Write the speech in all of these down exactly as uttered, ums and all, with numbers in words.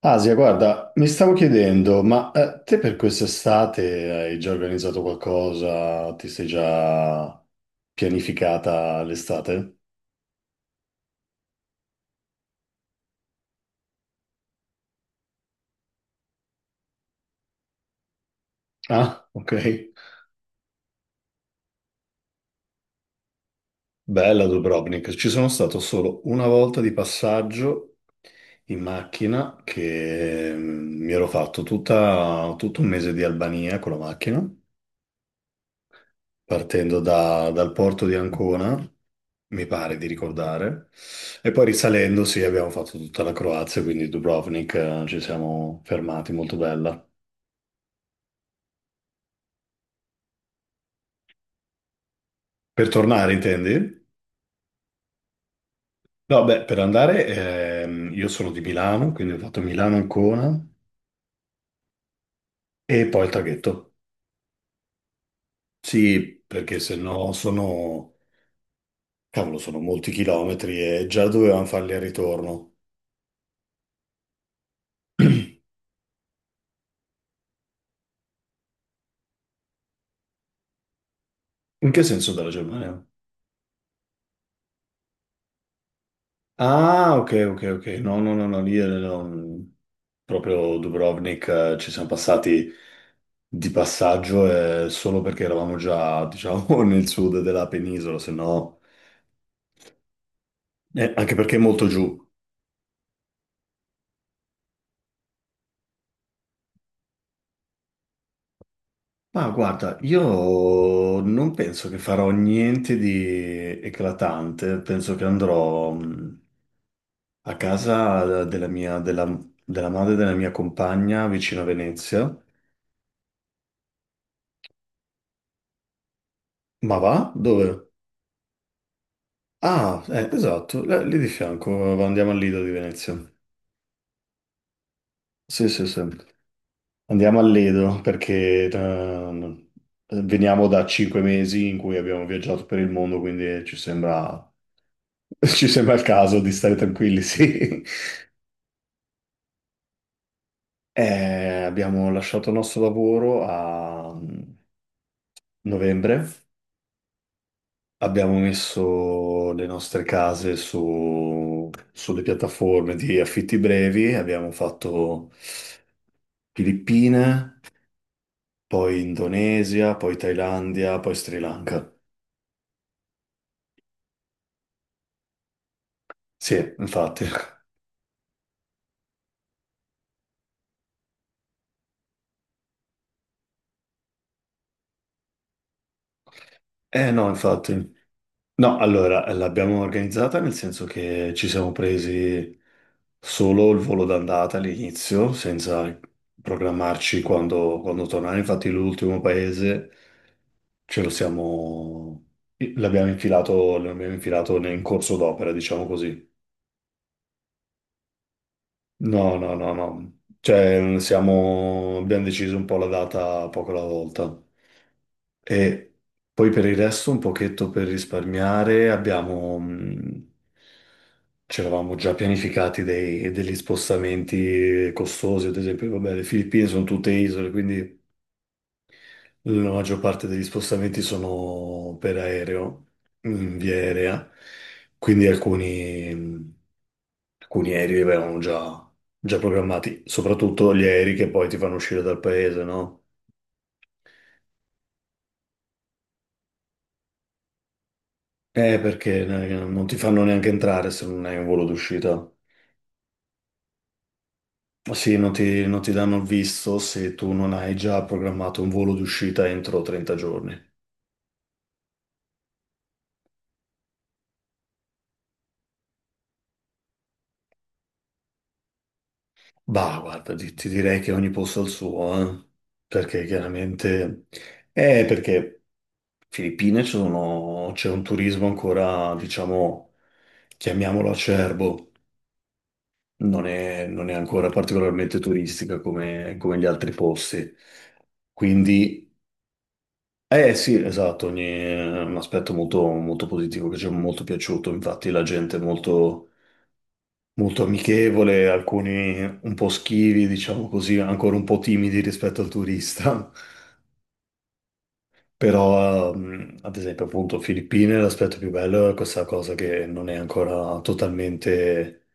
Asia, guarda, mi stavo chiedendo, ma eh, te per quest'estate hai già organizzato qualcosa? Ti sei già pianificata l'estate? Ah, ok. Bella Dubrovnik. Ci sono stato solo una volta di passaggio in macchina che mm, mi ero fatto tutta- tutto un mese di Albania con la macchina, partendo da- dal porto di Ancona. Mi pare di ricordare. E poi risalendo, sì, abbiamo fatto tutta la Croazia, quindi Dubrovnik, eh, ci siamo fermati, molto bella. Per tornare, intendi? No, beh, per andare, ehm, io sono di Milano, quindi ho fatto Milano-Ancona e poi il traghetto. Sì, perché se no sono, cavolo, sono molti chilometri e già dovevamo farli al ritorno. In che senso dalla Germania? Ah, ok, ok, ok. No, no, no, no, lì eh, no, proprio Dubrovnik, eh, ci siamo passati di passaggio eh, solo perché eravamo già, diciamo, nel sud della penisola, se no, eh, anche perché è molto giù. Ma guarda, io non penso che farò niente di eclatante, penso che andrò mh, a casa eh, della mia, della della madre della mia compagna vicino a Venezia. Ma va? Dove? Ah, eh, esatto, l- lì di fianco, andiamo al Lido di Venezia. Sì, sì, sì. Andiamo al Lido perché ehm, veniamo da cinque mesi in cui abbiamo viaggiato per il mondo, quindi ci sembra, ci sembra il caso di stare tranquilli, sì. Eh, abbiamo lasciato il nostro lavoro a novembre, abbiamo messo le nostre case su, sulle piattaforme di affitti brevi, abbiamo fatto... Filippine, poi Indonesia, poi Thailandia, poi Sri Lanka. Sì, infatti. Eh no, infatti. No, allora, eh, l'abbiamo organizzata nel senso che ci siamo presi solo il volo d'andata all'inizio, senza programmarci quando, quando tornare. Infatti l'ultimo paese ce lo siamo... L'abbiamo infilato, l'abbiamo infilato in corso d'opera, diciamo così. No, no, no, no. Cioè, siamo... abbiamo deciso un po' la data poco alla volta. E poi per il resto, un pochetto per risparmiare, abbiamo... mh, ci eravamo già pianificati dei- degli spostamenti costosi, ad esempio, vabbè, le Filippine sono tutte isole, quindi la maggior parte degli spostamenti sono per aereo, in via aerea, quindi alcuni... Alcuni aerei li avevamo già, già programmati, soprattutto gli aerei che poi ti fanno uscire dal paese, no? Eh, perché eh, non ti fanno neanche entrare se non hai un volo d'uscita. Sì, non ti, non ti danno il visto se tu non hai già programmato un volo d'uscita entro trenta giorni. Bah, guarda, ti, ti direi che ogni posto ha il suo, eh? Perché chiaramente... Eh, perché Filippine ci sono- c'è un turismo ancora, diciamo, chiamiamolo acerbo. Non è, non è ancora particolarmente turistica come, come gli altri posti. Quindi, eh sì, esatto, ogni, è un aspetto molto, molto positivo che ci è molto piaciuto. Infatti, la gente è molto, molto amichevole, alcuni un po' schivi, diciamo così, ancora un po' timidi rispetto al turista. Però, ehm, ad esempio, appunto, Filippine, l'aspetto più bello è questa cosa che non è ancora totalmente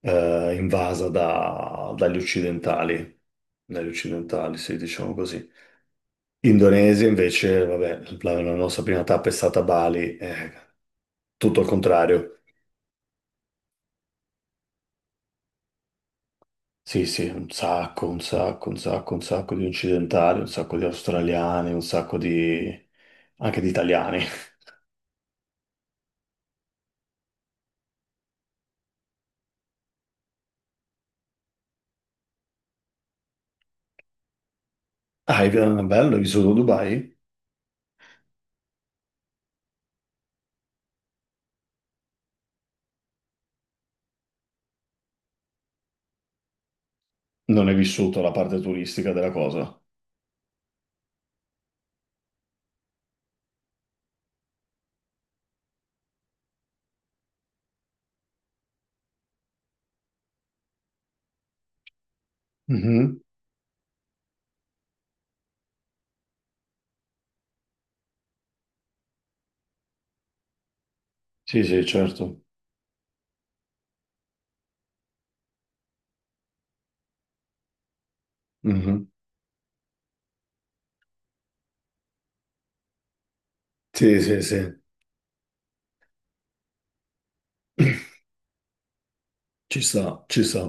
eh, invasa da- dagli occidentali. Negli occidentali, sì, diciamo così. Indonesia invece, vabbè, la, la nostra prima tappa è stata Bali, eh, tutto al contrario. Sì, sì, un sacco, un sacco, un sacco, un sacco di occidentali, un sacco di australiani, un sacco di... anche di italiani. Ah, è bello, hai vissuto a Dubai? Non hai vissuto la parte turistica della cosa? Mhm. Sì, sì, certo. Mhm. Sì, sì, sì, ci sta, ci sta.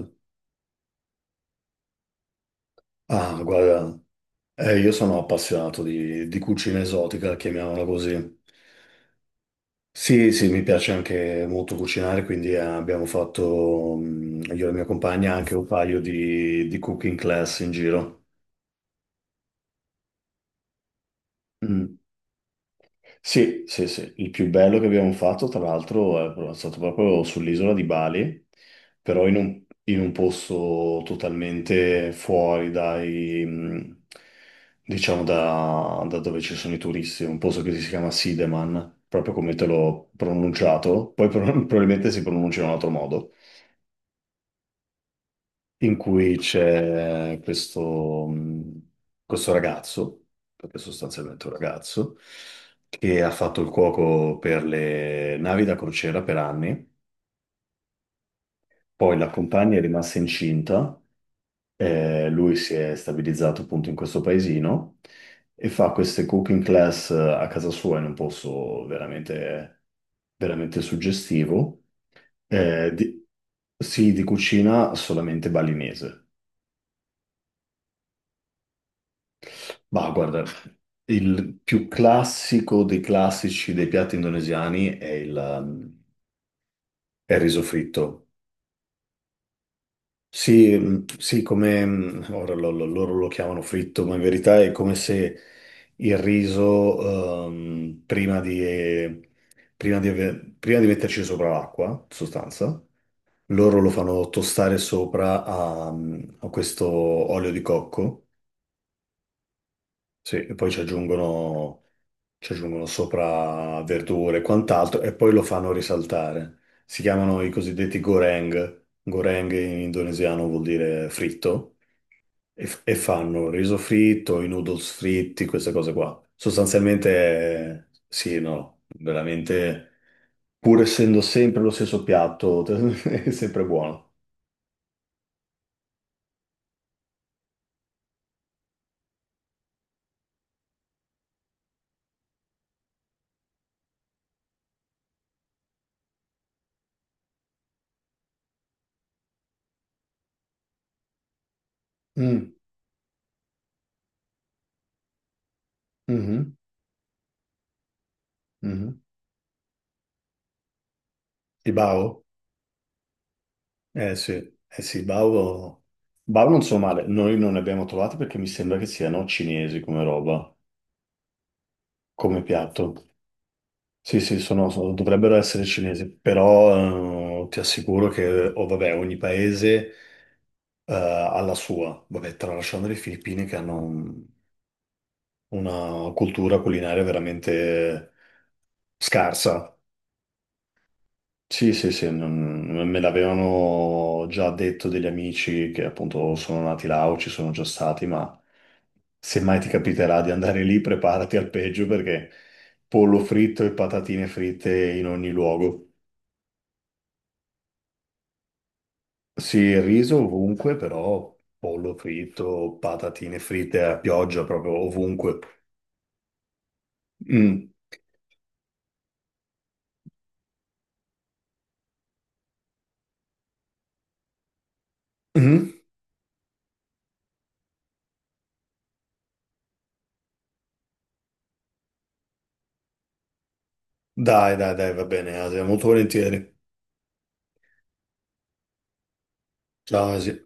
Ah, guarda. Eh, io sono appassionato di, di cucina esotica, chiamiamola così. Sì, sì, mi piace anche molto cucinare, quindi eh, abbiamo fatto, mm, io e la mia compagna, anche un paio di, di cooking class in giro. Mm. Sì, sì, sì. Il più bello che abbiamo fatto, tra l'altro, è pro- stato proprio sull'isola di Bali, però in un, in un posto totalmente fuori dai, mh, diciamo, da, da dove ci sono i turisti, un posto che si chiama Sideman, proprio come te l'ho pronunciato, poi pro- probabilmente si pronuncia in un altro modo in cui c'è questo, mh, questo ragazzo, perché sostanzialmente è un ragazzo, che ha fatto il cuoco per le navi da crociera per anni, poi la compagna è rimasta incinta, eh, lui si è stabilizzato appunto in questo paesino e fa queste cooking class eh, a casa sua in un posto veramente, veramente suggestivo, eh, di- sì, di cucina solamente balinese. Ma guarda, il più classico dei classici dei piatti indonesiani è il, um, è il riso fritto. Sì, mm, sì, come mm, ora lo- lo- loro lo chiamano fritto, ma in verità è come se il riso, ehm, prima di, eh, prima di ave- prima di metterci sopra l'acqua, in sostanza, loro lo fanno tostare sopra a, a questo olio di cocco, sì, e poi ci aggiungono ci aggiungono sopra verdure e quant'altro e poi lo fanno risaltare. Si chiamano i cosiddetti goreng. Goreng in indonesiano vuol dire fritto e, f- e fanno il riso fritto, i noodles fritti, queste cose qua. Sostanzialmente, eh, sì, e no, veramente, pur essendo sempre lo stesso piatto, è sempre buono. Mm, mhm, mhm. I bao? Eh sì, eh sì, Bao, Bao non so male, noi non ne abbiamo trovati perché mi sembra che siano cinesi come roba, come piatto. Sì, sì, sono, sono- dovrebbero essere cinesi, però eh, ti assicuro che oh, vabbè, ogni paese eh, ha la sua, vabbè, tralasciando le Filippine che hanno un- una cultura culinaria veramente scarsa. Sì, sì, sì, non- me l'avevano già detto degli amici che appunto sono nati là o ci sono già stati, ma se mai ti capiterà di andare lì, preparati al peggio perché pollo fritto e patatine fritte in ogni luogo. Sì, il riso ovunque, però pollo fritto, patatine fritte a pioggia proprio ovunque. Mm. Mm. Dai, dai, dai, va bene, Asia, molto volentieri. Ciao, Asia.